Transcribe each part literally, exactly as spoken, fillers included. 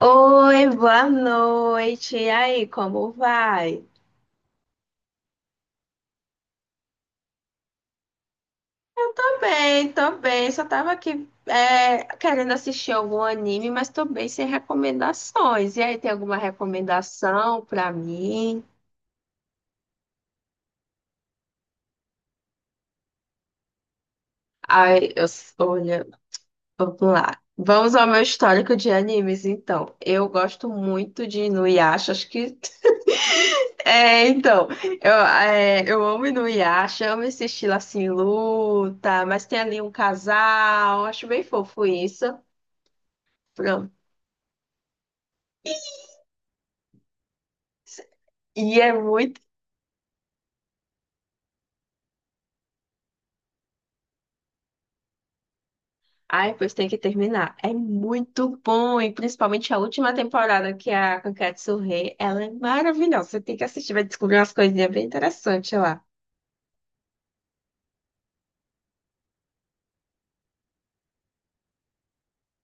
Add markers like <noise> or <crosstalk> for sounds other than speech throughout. Oi, boa noite. E aí, como vai? Eu tô bem, tô bem. Só tava aqui é, querendo assistir algum anime, mas tô bem sem recomendações. E aí, tem alguma recomendação pra mim? Ai, eu, olha, vamos lá. Vamos ao meu histórico de animes, então. Eu gosto muito de Inuyasha, acho que É, então, eu, é, eu amo Inuyasha, amo esse estilo assim, luta, mas tem ali um casal, acho bem fofo isso. Pronto. E é muito. Ai, pois tem que terminar. É muito bom, e principalmente a última temporada, que é a Kankatsu Rei, ela é maravilhosa. Você tem que assistir, vai descobrir umas coisinhas bem interessantes lá.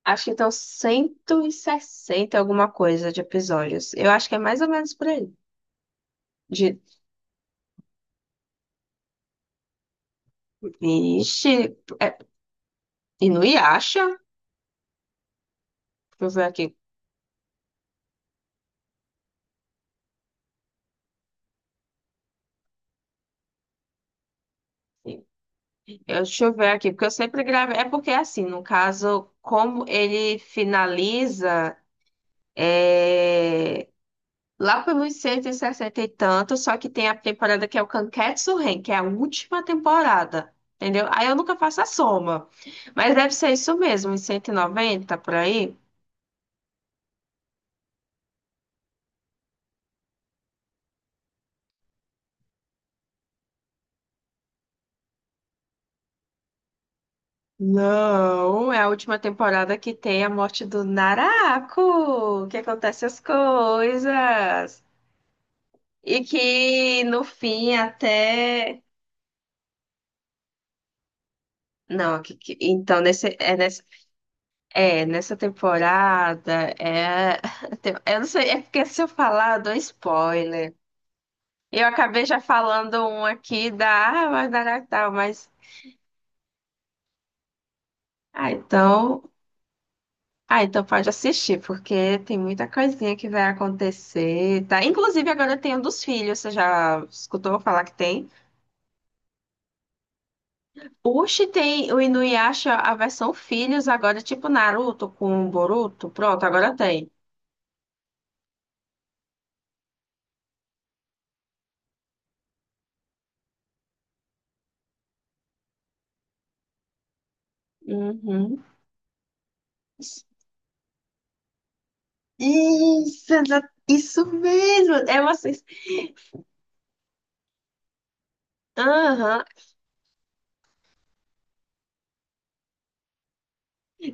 Acho que estão cento e sessenta alguma coisa de episódios. Eu acho que é mais ou menos por aí. De... Vixe, é... Inuyasha? Deixa eu ver aqui. Eu- Deixa eu ver aqui, porque eu sempre gravei. É porque, é assim, no caso, como ele finaliza é, lá pelos cento e sessenta e tanto, só que tem a temporada que é o Kanketsu Ren, que é a última temporada, entendeu? Aí eu nunca faço a soma. Mas deve ser isso mesmo, uns cento e noventa por aí. Não, é a última temporada que tem a morte do Naraku, que acontece as coisas. E que no fim até Não, que, que- então nesse, é, nessa, é nessa temporada é, <laughs> tem- eu não sei, é porque se eu falar, eu dou spoiler. Eu acabei já falando um aqui da árvore da da- tal, mas ah, então, ah, então pode assistir, porque tem muita coisinha que vai acontecer, tá? Inclusive agora tem um dos filhos, você já escutou falar que tem? Oxi, tem o Inuyasha, a versão filhos agora, tipo Naruto com Boruto. Pronto, agora tem. Uhum. Isso, exa- isso mesmo. É uma sens- Aham,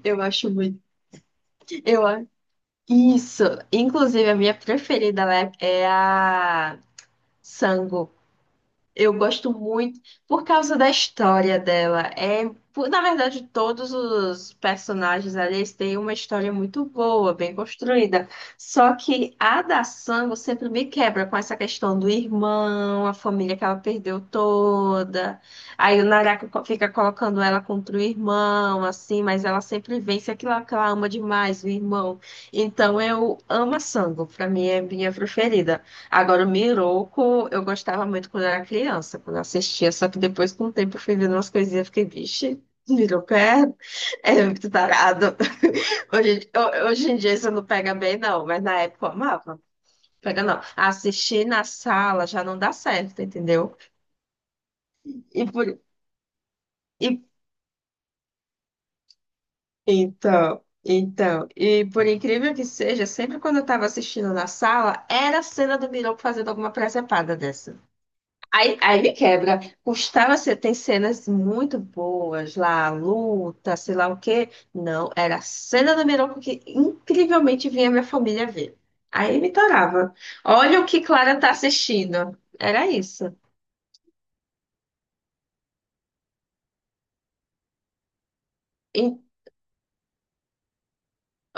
eu acho muito. Eu a- Isso. Inclusive, a minha preferida lá é é a Sango. Eu gosto muito por causa da história dela. É, por- na verdade, todos os personagens ali eles têm uma história muito boa, bem construída. Só que a da Sango sempre me quebra com essa questão do irmão, a família que ela perdeu toda. Aí o Naraka co- fica colocando ela contra o irmão, assim, mas ela sempre vence aquilo que ela ama demais, o irmão. Então eu amo a Sango, pra mim é minha preferida. Agora, o Miroco, eu gostava muito quando era criança, quando eu assistia, só que depois, com o tempo, eu fui vendo umas coisinhas e fiquei, vixe, Miroco é, é muito tarado. <laughs> Hoje, em ho- hoje em dia isso não pega bem, não, mas na época eu amava. Pega não. Assistir na sala já não dá certo, entendeu? E por, e, então, então, e por incrível que seja, sempre quando eu estava assistindo na sala, era a cena do Miroco fazendo alguma presepada dessa. Aí, aí me quebra. Custava ser, tem cenas muito boas lá, a luta, sei lá o quê. Não, era a cena do Mironco que incrivelmente vinha minha família ver. Aí me torava. Olha o que Clara tá assistindo. Era isso. E,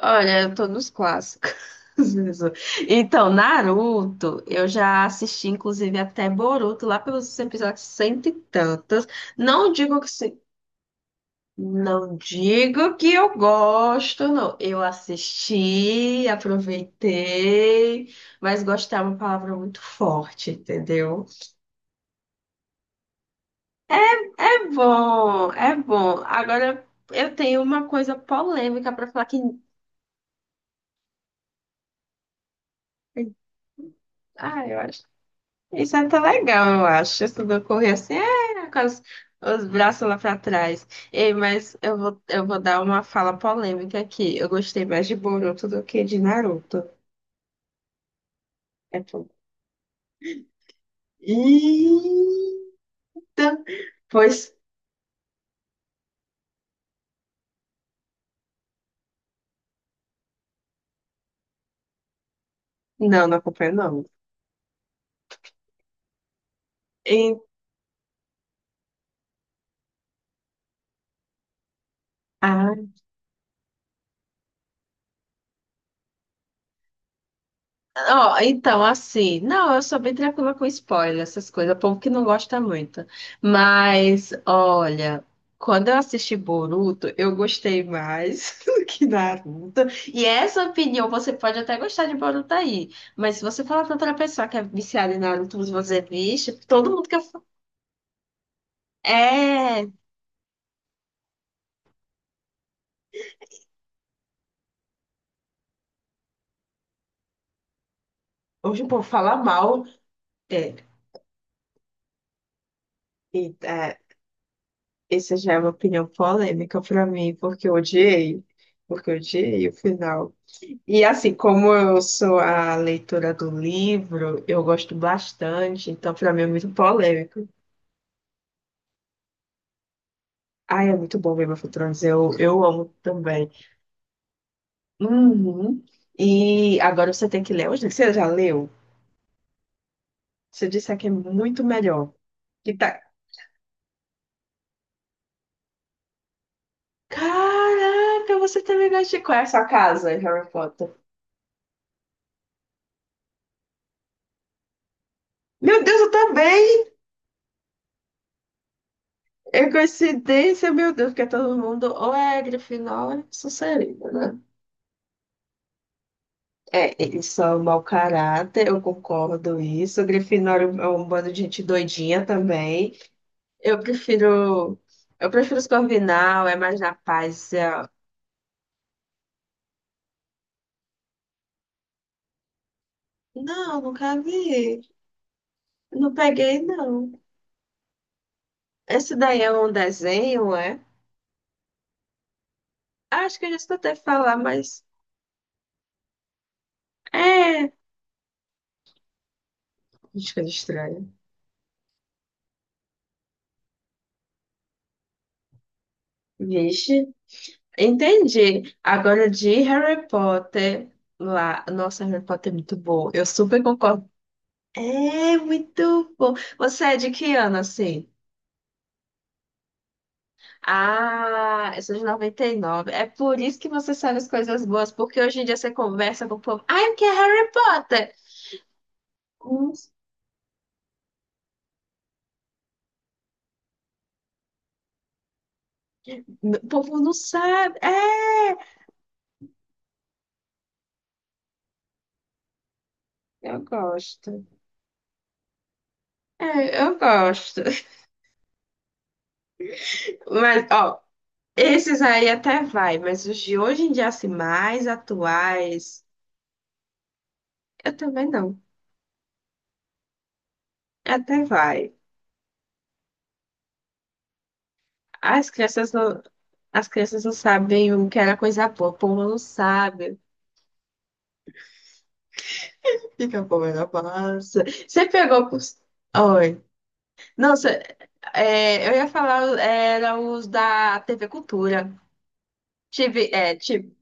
olha, eu tô nos clássicos. <laughs> Jesus. Então, Naruto, eu já assisti, inclusive, até Boruto, lá pelos episódios cento e tantos. Não digo que, Não digo que eu gosto, não. Eu assisti, aproveitei, mas gostar é uma palavra muito forte, entendeu? É bom, é bom. Agora eu tenho uma coisa polêmica para falar que. Ah, eu acho. Isso é até legal, eu acho. Isso não correr assim, é, com as- os braços lá para trás. Ei, mas eu vou, eu vou dar uma fala polêmica aqui. Eu gostei mais de Boruto do que de Naruto. É tudo. Ih! Pois não, não acompanho não. Em- ah, ó, então, assim, não, eu sou bem tranquila com spoiler, essas coisas, o povo que não gosta muito. Mas, olha, quando eu assisti Boruto, eu gostei mais <laughs> do que Naruto. E essa opinião, você pode até gostar de Boruto aí, mas se você falar pra outra pessoa que é viciada em Naruto, você vai dizer, vixe, todo mundo que fa- é, hoje o povo fala mal, é, e- é, essa já é uma opinião polêmica pra mim, porque eu odiei. Porque eu odiei o final. E assim, como eu sou a leitora do livro, eu gosto bastante, então pra mim é muito polêmico. Ai, é muito bom Game of Thrones, eu, eu amo também. Uhum. E agora você tem que ler. Hoje você já leu? Você disse que é muito melhor. Que tá... Caraca, você também gosta de... Qual é a sua casa, Harry Potter? Meu Deus, eu também! É coincidência, meu Deus, porque todo mundo ou é Grifinória ou é Sonserina, né? É, eles são mau caráter, eu concordo isso. Grifinória é um é um bando de gente doidinha também. Eu prefiro, eu prefiro Corvinal, é mais na paz. é- Não, nunca vi. Não peguei, não. Esse daí é um desenho, é? Acho que eu já escutei falar, mas é. Acho que é estranho. Vixe. Entendi. Agora de Harry Potter lá. Nossa, Harry Potter é muito bom. Eu super concordo. É muito bom. Você é de que ano, assim? Ah, eu sou de noventa e nove. É por isso que você sabe as coisas boas, porque hoje em dia você conversa com o povo. Ai, o que é Harry Potter? Hum, O povo não sabe. É, eu gosto. É, eu gosto. <laughs> Mas, ó, esses aí até vai, mas os de hoje em dia, assim, mais atuais. Eu também não. Até vai. As crianças não, as crianças não sabem o que era coisa boa. O povo não sabe. Fica a povo na massa. Você pegou os. Oi. Não, cê- é, eu ia falar, era os da T V Cultura. Tive, é, tipo,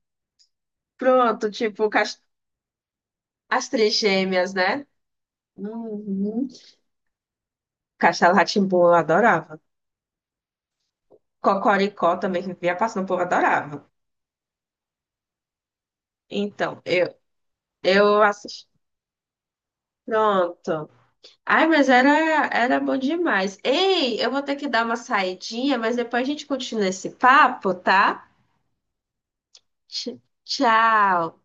pronto, tipo, Cas- as Três Gêmeas, né? Uhum. Castelo rá tim eu adorava. Cocoricó também que vivia passando, o povo adorava. Então, eu, eu assisti. Pronto. Ai, mas era, era bom demais. Ei, eu vou ter que dar uma saidinha, mas depois a gente continua esse papo, tá? Tch- Tchau.